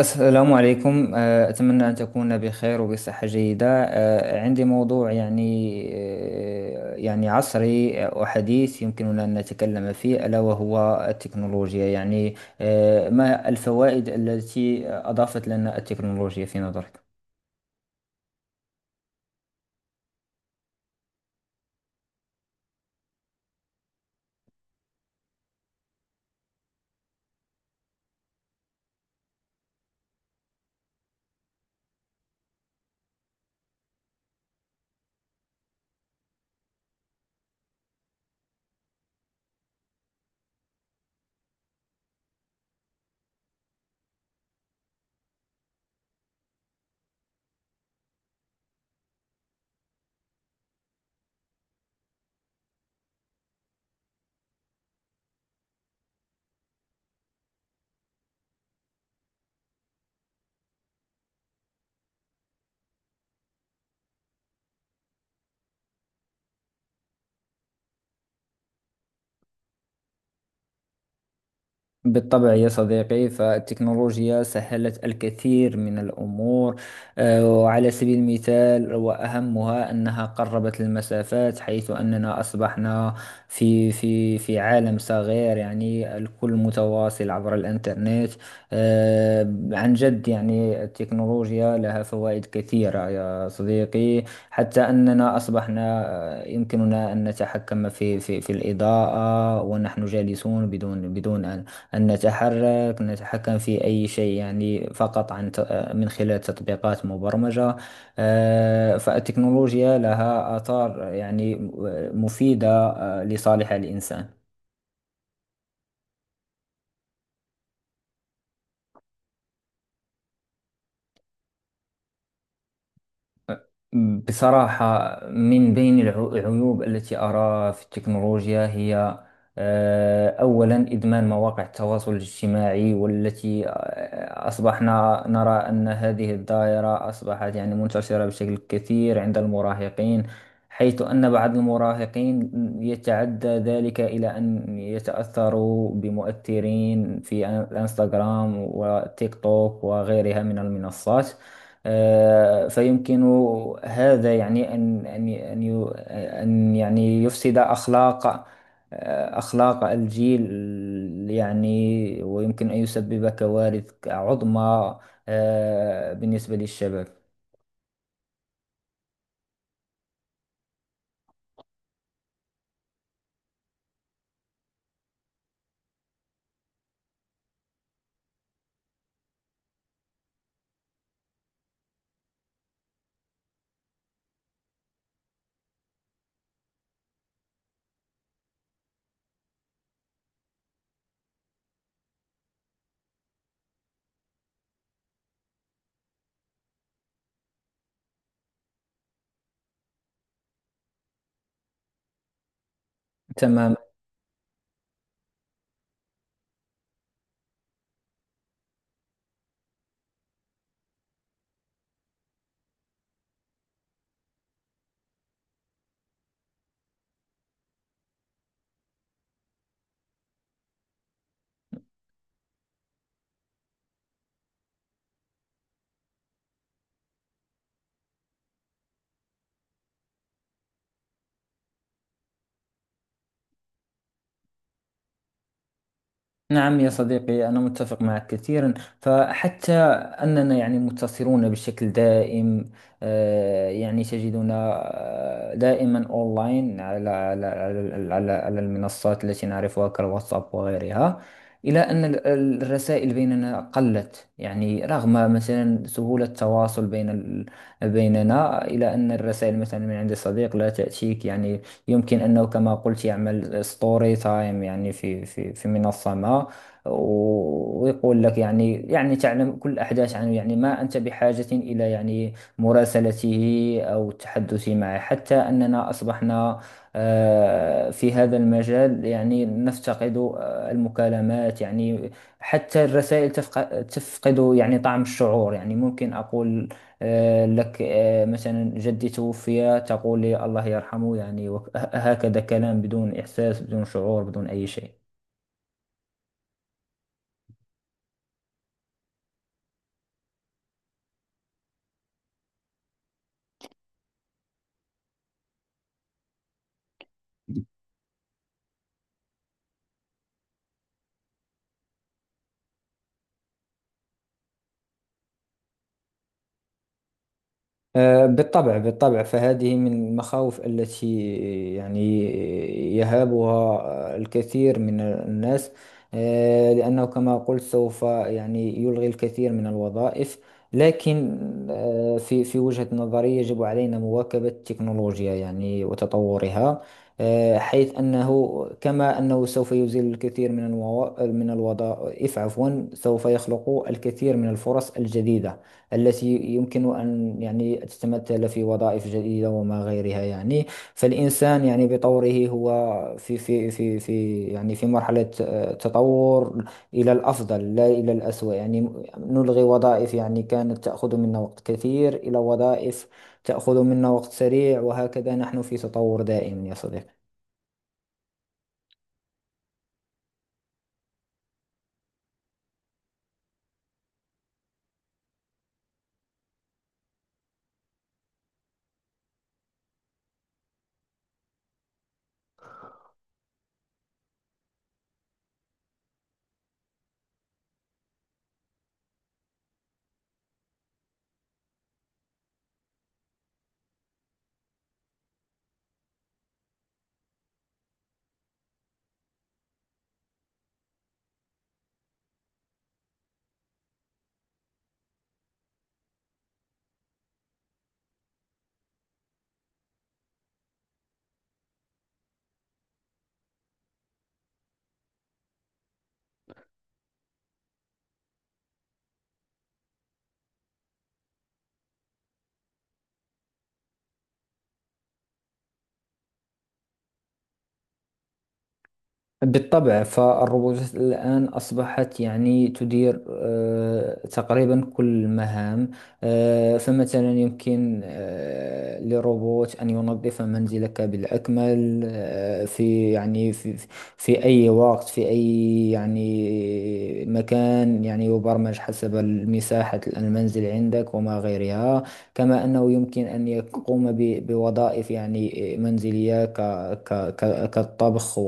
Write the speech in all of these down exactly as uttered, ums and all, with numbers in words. السلام عليكم. آه، أتمنى أن تكون بخير وبصحة جيدة. آه، عندي موضوع يعني آه، يعني عصري وحديث يمكننا أن نتكلم فيه، ألا وهو التكنولوجيا. يعني آه، ما الفوائد التي أضافت لنا التكنولوجيا في نظرك؟ بالطبع يا صديقي، فالتكنولوجيا سهلت الكثير من الأمور. آه، وعلى سبيل المثال وأهمها أنها قربت المسافات، حيث أننا أصبحنا في في في عالم صغير، يعني الكل متواصل عبر الإنترنت. آه، عن جد، يعني التكنولوجيا لها فوائد كثيرة يا صديقي، حتى أننا أصبحنا آه، يمكننا أن نتحكم في في في الإضاءة ونحن جالسون بدون بدون أن أن نتحرك، نتحكم في أي شيء، يعني فقط عن ت- آه، من خلال تطبيقات مبرمجة. آه، فالتكنولوجيا لها آثار، يعني آه، مفيدة آه، لصالح الإنسان. بصراحة، من بين العو- العيوب التي أراها في التكنولوجيا هي آه، أولا إدمان مواقع التواصل الاجتماعي، والتي آه، أصبحنا نرى أن هذه الدائرة أصبحت يعني منتشرة بشكل كثير عند المراهقين، حيث أن بعض المراهقين يتعدى ذلك إلى أن يتأثروا بمؤثرين في الانستغرام والتيك توك وغيرها من المنصات. آه، فيمكن هذا يعني أن أن أن يو- أن يعني يفسد أخلاق، آه، أخلاق الجيل يعني، ويمكن أن يسبب كوارث عظمى آه، بالنسبة للشباب. تمام. نعم يا صديقي، أنا متفق معك كثيرا، فحتى أننا يعني متصلون بشكل دائم. آه، يعني تجدنا آه، دائما أونلاين على على على على على المنصات التي نعرفها كالواتساب وغيرها، إلى أن ال- ال- الرسائل بيننا قلت، يعني رغم مثلا سهولة التواصل بين ال- بيننا، إلى أن الرسائل مثلا من عند صديق لا تأتيك. يعني يمكن أنه كما قلت يعمل ستوري تايم، يعني في في في منصة ما، و- ويقول لك، يعني يعني تعلم كل الأحداث عنه، يعني ما أنت بحاجة إلى يعني مراسلته أو التحدث معه، حتى أننا أصبحنا آه، في هذا المجال يعني نفتقد آه، المكالمات، يعني حتى الرسائل تفق- تفقد يعني طعم الشعور. يعني ممكن أقول آه، لك آه، مثلا: جدي توفي، تقول لي الله يرحمه، يعني وك- هكذا، كلام بدون إحساس، بدون شعور، بدون أي شيء. آه، بالطبع بالطبع، فهذه من المخاوف التي يعني يهابها آه، الكثير من الناس. آه، لأنه كما قلت سوف يعني يلغي الكثير من الوظائف، لكن آه، في في وجهة نظري يجب علينا مواكبة التكنولوجيا يعني وتطورها. آه، حيث أنه كما أنه سوف يزيل الكثير من الموا- من الوظائف، عفوا، سوف يخلق الكثير من الفرص الجديدة التي يمكن أن يعني تتمثل في وظائف جديدة وما غيرها يعني. فالإنسان يعني بطوره هو في في في في يعني في مرحلة آه، تطور، إلى الأفضل لا إلى الأسوأ. يعني نلغي وظائف يعني كانت تأخذ منا وقت كثير إلى وظائف تأخذ منا وقت سريع، وهكذا نحن في تطور دائم يا صديقي. بالطبع، فالروبوتات الآن أصبحت يعني تدير آه، تقريبا كل المهام. آه، فمثلا يمكن آه، لروبوت أن ينظف منزلك بالأكمل آه، في يعني في في أي وقت، في أي يعني مكان، يعني يبرمج حسب مساحة المنزل عندك وما غيرها. كما أنه يمكن أن يقوم ب- بوظائف يعني منزلية ك- ك- ك- كالطبخ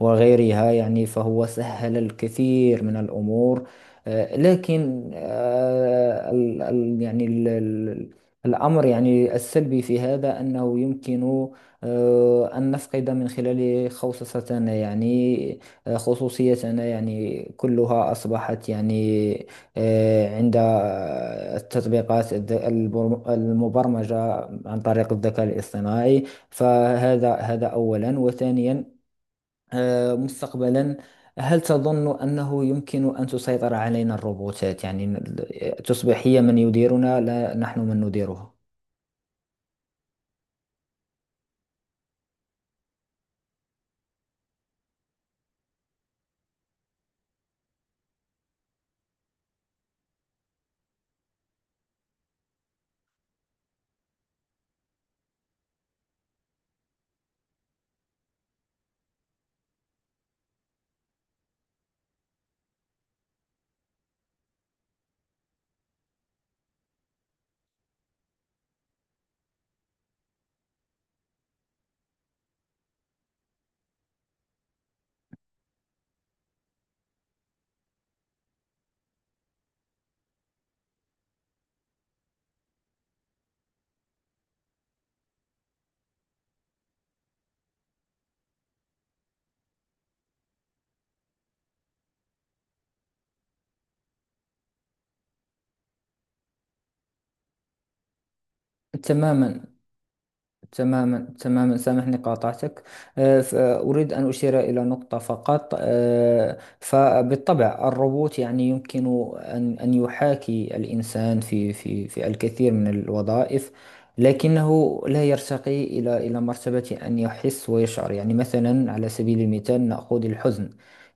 وغيرها يعني، فهو سهل الكثير من الأمور. آه، لكن آه، ال- ال- يعني ال- ال- الأمر يعني السلبي في هذا أنه يمكن آه، أن نفقد من خلال خوصصتنا، يعني آه، خصوصيتنا، يعني كلها أصبحت يعني آه، عند التطبيقات الذ- البر- المبرمجة عن طريق الذكاء الاصطناعي. فهذا هذا أولا، وثانيا آه، مستقبلا، هل تظن أنه يمكن أن تسيطر علينا الروبوتات؟ يعني ال- تصبح هي من يديرنا لا نحن من نديرها. تماما، تماما، تماما. سامحني، قاطعتك. آه، ف- أريد أن أشير إلى نقطة فقط. آه، فبالطبع الروبوت يعني يمكن أن أن يحاكي الإنسان في في في الكثير من الوظائف، لكنه لا يرتقي إلى إلى مرتبة أن يحس ويشعر. يعني مثلا، على سبيل المثال نأخذ الحزن: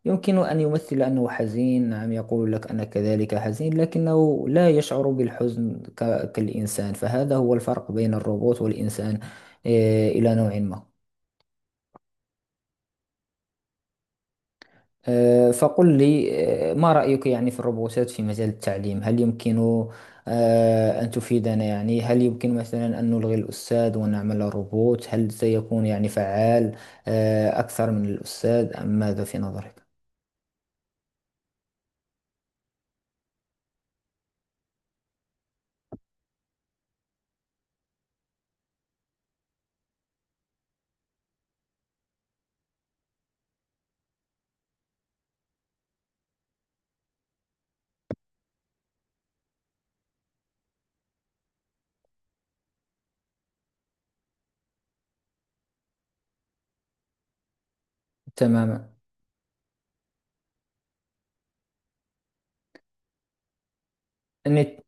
يمكن أن يمثل أنه حزين، نعم، يقول لك أنا كذلك حزين، لكنه لا يشعر بالحزن ك- كالإنسان. فهذا هو الفرق بين الروبوت والإنسان آه، إلى نوع ما. آه، فقل لي آه، ما رأيك يعني في الروبوتات في مجال التعليم؟ هل يمكن آه، أن تفيدنا؟ يعني هل يمكن مثلا أن نلغي الأستاذ ونعمل روبوت؟ هل سيكون يعني فعال آه، أكثر من الأستاذ أم ماذا في نظرك؟ تماما. نت-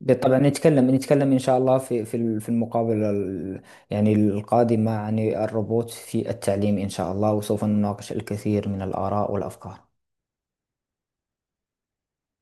بالطبع نتكلم، نتكلم إن شاء الله في في ال- في المقابلة ال- يعني القادمة عن الروبوت في التعليم إن شاء الله، وسوف نناقش الكثير من الآراء والأفكار.